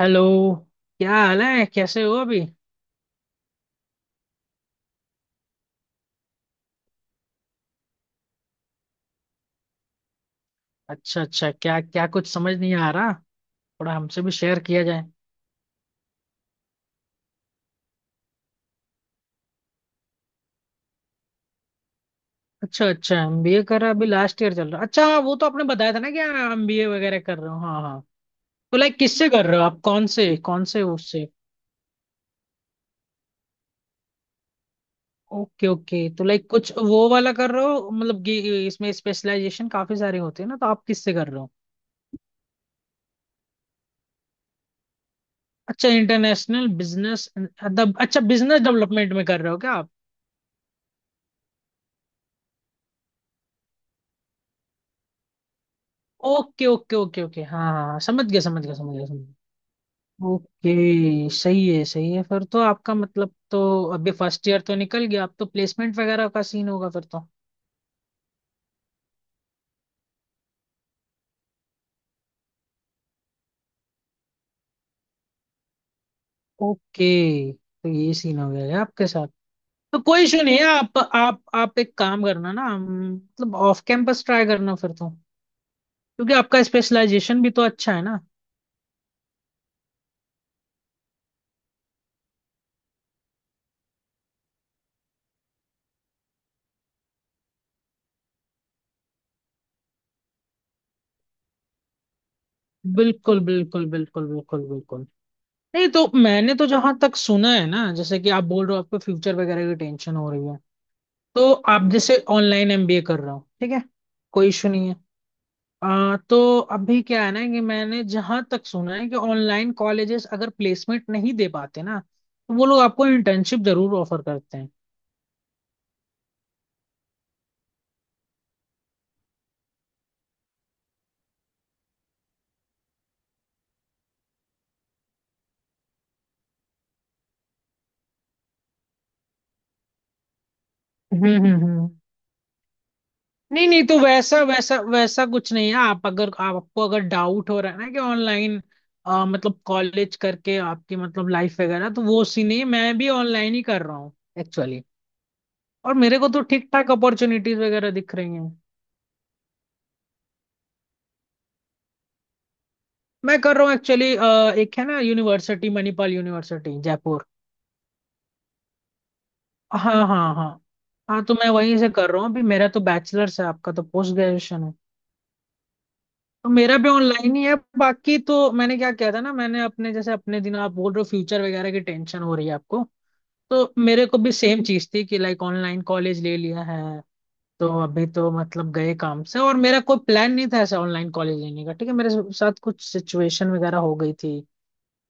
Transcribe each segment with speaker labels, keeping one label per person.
Speaker 1: Hello. क्या हाल है, कैसे हो अभी। अच्छा अच्छा, क्या क्या कुछ समझ नहीं आ रहा? थोड़ा हमसे भी शेयर किया जाए। अच्छा अच्छा, एमबीए कर रहा, अभी लास्ट ईयर चल रहा। अच्छा हाँ, वो तो आपने बताया था ना, क्या एमबीए वगैरह कर रहे हो? हाँ हाँ। तो लाइक किससे कर रहे हो आप, कौन से उससे? ओके ओके, तो लाइक कुछ वो वाला कर रहे हो, मतलब कि इसमें स्पेशलाइजेशन काफी सारे होते हैं ना, तो आप किससे कर रहे हो? अच्छा, इंटरनेशनल बिजनेस। अच्छा, बिजनेस डेवलपमेंट में कर रहे हो क्या आप? ओके ओके ओके ओके, हाँ हाँ हाँ, समझ गया समझ गया समझ गया समझ गया। ओके, सही है सही है। फिर तो आपका मतलब तो अभी फर्स्ट ईयर तो निकल गया, अब तो प्लेसमेंट वगैरह का सीन होगा फिर तो। ओके, तो ये सीन हो गया है आपके साथ। तो कोई इशू नहीं है, आप एक काम करना ना, मतलब ऑफ कैंपस ट्राई करना फिर तो। क्योंकि आपका स्पेशलाइजेशन भी तो अच्छा है ना। बिल्कुल बिल्कुल बिल्कुल बिल्कुल बिल्कुल। नहीं तो मैंने तो जहां तक सुना है ना, जैसे कि आप बोल रहे हो आपको फ्यूचर वगैरह की टेंशन हो रही है, तो आप जैसे ऑनलाइन एमबीए कर रहे हो, ठीक है, कोई इशू नहीं है। तो अभी क्या है ना कि मैंने जहां तक सुना है कि ऑनलाइन कॉलेजेस अगर प्लेसमेंट नहीं दे पाते ना, तो वो लोग आपको इंटर्नशिप जरूर ऑफर करते हैं। हम्म हम्म हम्म। नहीं नहीं, तो वैसा वैसा वैसा कुछ नहीं है। आप अगर आपको अगर डाउट हो रहा है ना कि ऑनलाइन मतलब कॉलेज करके आपकी मतलब लाइफ वगैरह, तो वो सीन नहीं है। मैं भी ऑनलाइन ही कर रहा हूँ एक्चुअली। और मेरे को तो ठीक ठाक अपॉर्चुनिटीज वगैरह दिख रही हैं। मैं कर रहा हूँ एक्चुअली, एक है ना यूनिवर्सिटी, मणिपाल यूनिवर्सिटी जयपुर। हाँ हाँ हाँ। हाँ तो मैं वहीं से कर रहा हूँ अभी। मेरा तो बैचलर्स है, आपका तो पोस्ट ग्रेजुएशन है। तो मेरा भी ऑनलाइन ही है। बाकी तो मैंने क्या किया था ना, मैंने अपने जैसे अपने दिन आप बोल रहे हो फ्यूचर वगैरह की टेंशन हो रही है आपको, तो मेरे को भी सेम चीज थी कि लाइक ऑनलाइन कॉलेज ले लिया है। तो अभी तो मतलब गए काम से, और मेरा कोई प्लान नहीं था ऐसा ऑनलाइन कॉलेज लेने का, ठीक है। मेरे साथ कुछ सिचुएशन वगैरह हो गई थी,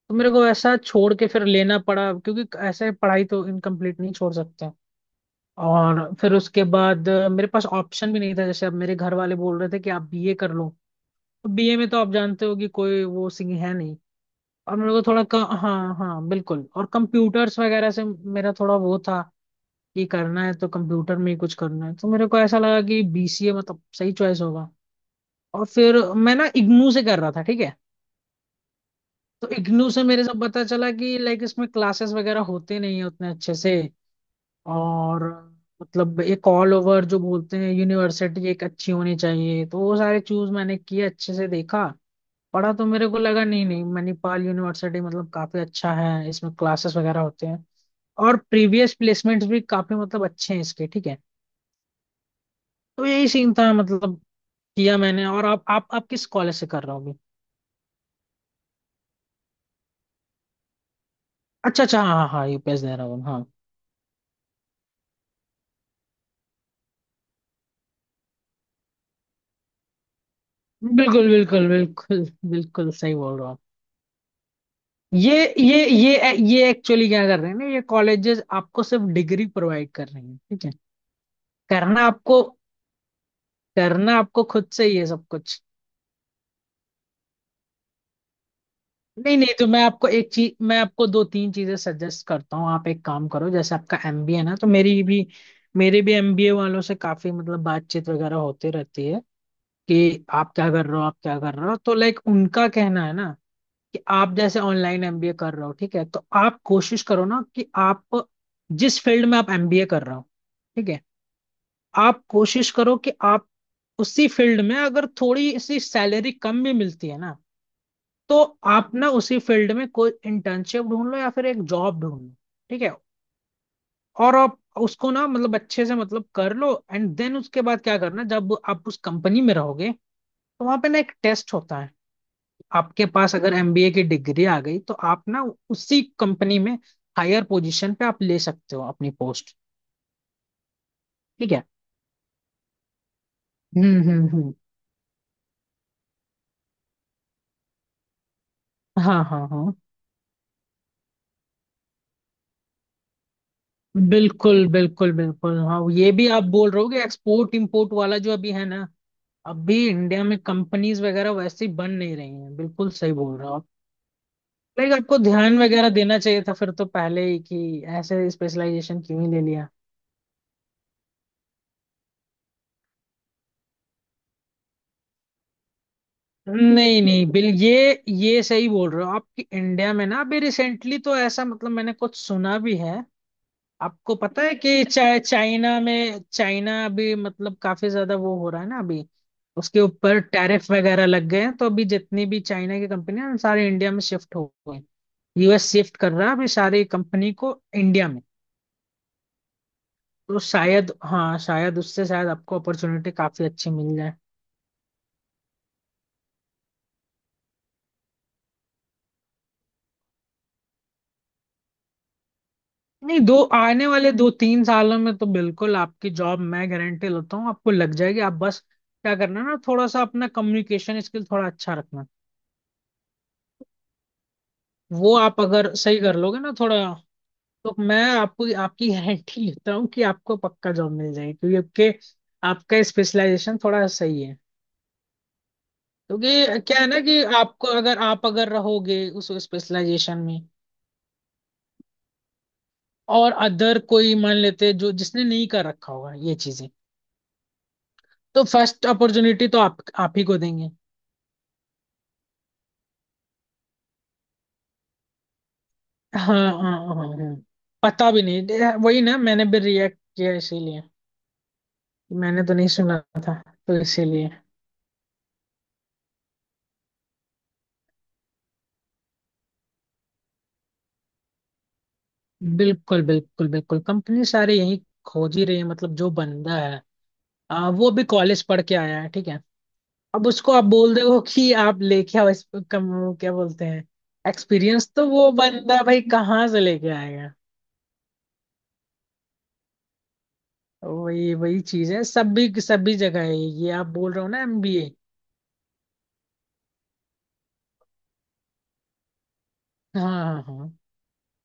Speaker 1: तो मेरे को ऐसा छोड़ के फिर लेना पड़ा, क्योंकि ऐसे पढ़ाई तो इनकम्प्लीट नहीं छोड़ सकते। और फिर उसके बाद मेरे पास ऑप्शन भी नहीं था, जैसे अब मेरे घर वाले बोल रहे थे कि आप बीए कर लो। तो बीए में तो आप जानते हो कि कोई वो सिंह है नहीं, और मेरे को थोड़ा हाँ हाँ बिल्कुल। और कंप्यूटर्स वगैरह से मेरा थोड़ा वो था कि करना है तो कंप्यूटर में ही कुछ करना है। तो मेरे को ऐसा लगा कि बीसीए मतलब सही चॉइस होगा। और फिर मैं ना इग्नू से कर रहा था, ठीक है। तो इग्नू से मेरे से पता चला कि लाइक इसमें क्लासेस वगैरह होते नहीं है उतने अच्छे से। और मतलब एक ऑल ओवर जो बोलते हैं यूनिवर्सिटी एक अच्छी होनी चाहिए, तो वो सारे चूज मैंने किए, अच्छे से देखा पढ़ा। तो मेरे को लगा नहीं नहीं, मणिपाल यूनिवर्सिटी मतलब काफी अच्छा है, इसमें क्लासेस वगैरह होते हैं, और प्रीवियस प्लेसमेंट्स भी काफी मतलब अच्छे हैं इसके, ठीक है। तो यही सीन था मतलब, किया मैंने। और आप किस कॉलेज से कर रहे हो अभी? अच्छा अच्छा, हाँ हाँ हाँ, यूपीएस दे रहा हूँ हाँ। बिल्कुल बिल्कुल बिल्कुल, बिल्कुल सही बोल रहा। ये ये एक्चुअली क्या कर रहे हैं ना, ये कॉलेजेस आपको सिर्फ डिग्री प्रोवाइड कर रहे हैं, ठीक है। करना आपको करना आपको खुद से ही है सब कुछ। नहीं नहीं, तो मैं आपको दो तीन चीजें सजेस्ट करता हूँ। आप एक काम करो, जैसे आपका एमबीए ना, तो मेरी भी मेरे भी एमबीए वालों से काफी मतलब बातचीत वगैरह होती रहती है। कि आप क्या कर रहे हो, आप क्या कर रहे हो? तो लाइक उनका कहना है ना कि आप जैसे ऑनलाइन एमबीए कर रहे हो, ठीक है, तो आप कोशिश करो ना कि आप जिस फील्ड में आप एमबीए कर रहे हो, ठीक है, आप कोशिश करो कि आप उसी फील्ड में अगर थोड़ी सी सैलरी कम भी मिलती है ना, तो आप ना उसी फील्ड में कोई इंटर्नशिप ढूंढ लो या फिर एक जॉब ढूंढ लो, ठीक है, और आप उसको ना मतलब अच्छे से मतलब कर लो, एंड देन उसके बाद क्या करना, जब आप उस कंपनी में रहोगे तो वहां पे ना एक टेस्ट होता है। आपके पास अगर एमबीए की डिग्री आ गई तो आप ना उसी कंपनी में हायर पोजीशन पे आप ले सकते हो अपनी पोस्ट, ठीक है। हम्म, हाँ हाँ हाँ, बिल्कुल बिल्कुल बिल्कुल। हाँ ये भी आप बोल रहे हो कि एक्सपोर्ट इंपोर्ट वाला जो अभी है ना, अभी इंडिया में कंपनीज वगैरह वैसे ही बन नहीं रही हैं, बिल्कुल सही बोल रहे हो आप। लाइक आपको ध्यान वगैरह देना चाहिए था फिर तो पहले ही, कि ऐसे स्पेशलाइजेशन क्यों ही ले लिया। नहीं नहीं, बिल ये सही बोल रहे हो आपकी। इंडिया में ना अभी रिसेंटली तो ऐसा मतलब मैंने कुछ सुना भी है। आपको पता है कि चाइना अभी मतलब काफी ज्यादा वो हो रहा है ना अभी, उसके ऊपर टैरिफ वगैरह लग गए हैं, तो अभी जितनी भी चाइना की कंपनी है सारे इंडिया में शिफ्ट हो गए। यूएस शिफ्ट कर रहा है अभी सारी कंपनी को इंडिया में। तो शायद, हाँ शायद उससे शायद आपको अपॉर्चुनिटी काफी अच्छी मिल जाए। नहीं, दो आने वाले दो तीन सालों में तो बिल्कुल आपकी जॉब मैं गारंटी लेता हूँ, आपको लग जाएगी। आप बस क्या करना ना, थोड़ा सा अपना कम्युनिकेशन स्किल थोड़ा अच्छा रखना। वो आप अगर सही कर लोगे ना थोड़ा, तो मैं आपको आपकी गारंटी लेता हूँ कि आपको पक्का जॉब मिल जाएगी, क्योंकि आपके आपका स्पेशलाइजेशन थोड़ा सही है। क्योंकि क्या है ना कि आपको अगर आप अगर रहोगे उस स्पेशलाइजेशन में, और अदर कोई मान लेते जो जिसने नहीं कर रखा होगा ये चीजें, तो फर्स्ट अपॉर्चुनिटी तो आप ही को देंगे। हाँ हाँ हाँ हाँ हाँ। पता भी नहीं वही ना, मैंने भी रिएक्ट किया इसीलिए। मैंने तो नहीं सुना था, तो इसीलिए। बिल्कुल बिल्कुल बिल्कुल, कंपनी सारे यही खोज ही रही है, मतलब जो बंदा है वो भी कॉलेज पढ़ के आया है, ठीक है। अब उसको आप बोल दो कि आप लेके आओ इस, कम क्या बोलते हैं, एक्सपीरियंस तो वो बंदा भाई कहाँ से लेके आएगा। वही वही चीज है, सभी सभी जगह है, ये आप बोल रहे हो ना एमबीए। हाँ हाँ हाँ।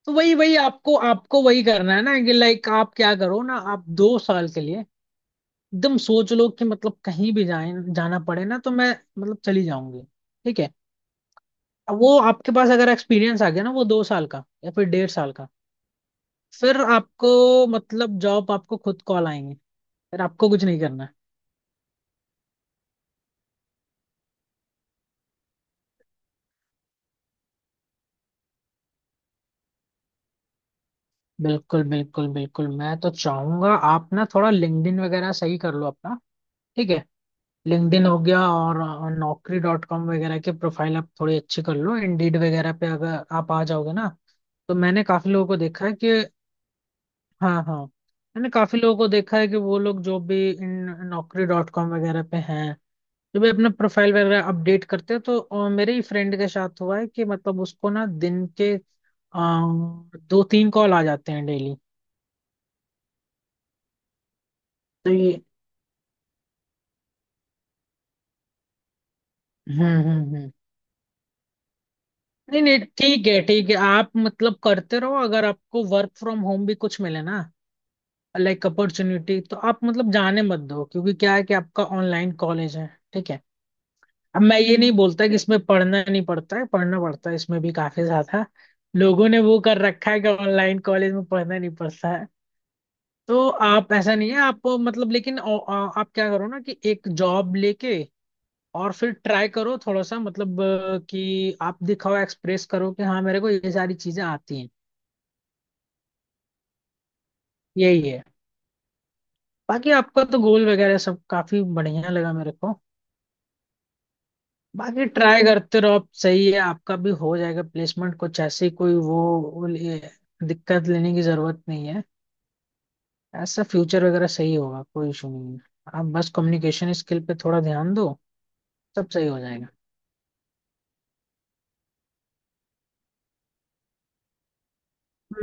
Speaker 1: तो वही वही आपको आपको वही करना है ना, कि लाइक आप क्या करो ना, आप 2 साल के लिए एकदम सोच लो कि मतलब कहीं भी जाए जाना पड़े ना तो मैं मतलब चली जाऊंगी, ठीक है। अब वो आपके पास अगर एक्सपीरियंस आ गया ना, वो 2 साल का या फिर डेढ़ साल का, फिर आपको मतलब जॉब आपको खुद कॉल आएंगे, फिर आपको कुछ नहीं करना है। बिल्कुल बिल्कुल बिल्कुल, मैं तो चाहूंगा आप ना थोड़ा लिंक्डइन वगैरह सही कर लो अपना, ठीक है। लिंक्डइन हो गया, और naukri.com वगैरह के प्रोफाइल आप थोड़ी अच्छी कर लो, इंडीड वगैरह पे अगर आप आ जाओगे ना, तो मैंने काफी लोगों को देखा है कि, हाँ हाँ, मैंने काफी लोगों को देखा है कि वो लोग जो भी इन naukri.com वगैरह पे हैं, जो भी अपना प्रोफाइल वगैरह अपडेट करते हैं, तो मेरे ही फ्रेंड के साथ हुआ है कि मतलब उसको ना दिन के अ, दो तीन कॉल आ जाते हैं डेली। तो ये, हम्म, नहीं नहीं, ठीक है ठीक है, आप मतलब करते रहो। अगर आपको वर्क फ्रॉम होम भी कुछ मिले ना, लाइक अपॉर्चुनिटी, तो आप मतलब जाने मत दो, क्योंकि क्या है कि आपका ऑनलाइन कॉलेज है, ठीक है। अब मैं ये नहीं बोलता कि इसमें पढ़ना नहीं पड़ता है, पढ़ना पड़ता है इसमें भी काफी ज्यादा। लोगों ने वो कर रखा है कि ऑनलाइन कॉलेज में पढ़ना नहीं पड़ता है, तो आप ऐसा नहीं है। आप मतलब लेकिन आप क्या करो ना, कि एक जॉब लेके, और फिर ट्राई करो थोड़ा सा मतलब कि आप दिखाओ एक्सप्रेस करो कि हाँ, मेरे को ये सारी चीजें आती हैं। यही है। बाकी आपका तो गोल वगैरह सब काफी बढ़िया लगा मेरे को। बाकी ट्राई करते रहो आप, सही है, आपका भी हो जाएगा प्लेसमेंट। कुछ ऐसी कोई वो दिक्कत लेने की जरूरत नहीं है। ऐसा फ्यूचर वगैरह सही होगा, कोई इशू नहीं है। आप बस कम्युनिकेशन स्किल पे थोड़ा ध्यान दो, सब सही हो जाएगा।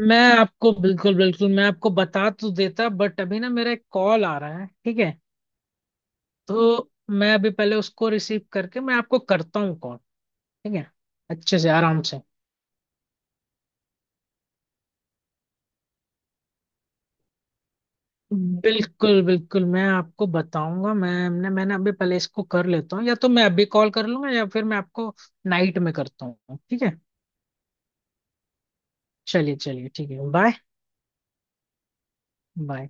Speaker 1: मैं आपको बिल्कुल बिल्कुल, मैं आपको बता तो देता, बट अभी ना मेरा एक कॉल आ रहा है, ठीक है। तो मैं अभी पहले उसको रिसीव करके मैं आपको करता हूँ कॉल, ठीक है, अच्छे से आराम से। बिल्कुल बिल्कुल मैं आपको बताऊंगा, मैंने अभी पहले इसको कर लेता हूँ, या तो मैं अभी कॉल कर लूंगा या फिर मैं आपको नाइट में करता हूँ, ठीक है। चलिए चलिए, ठीक है, बाय। बाय।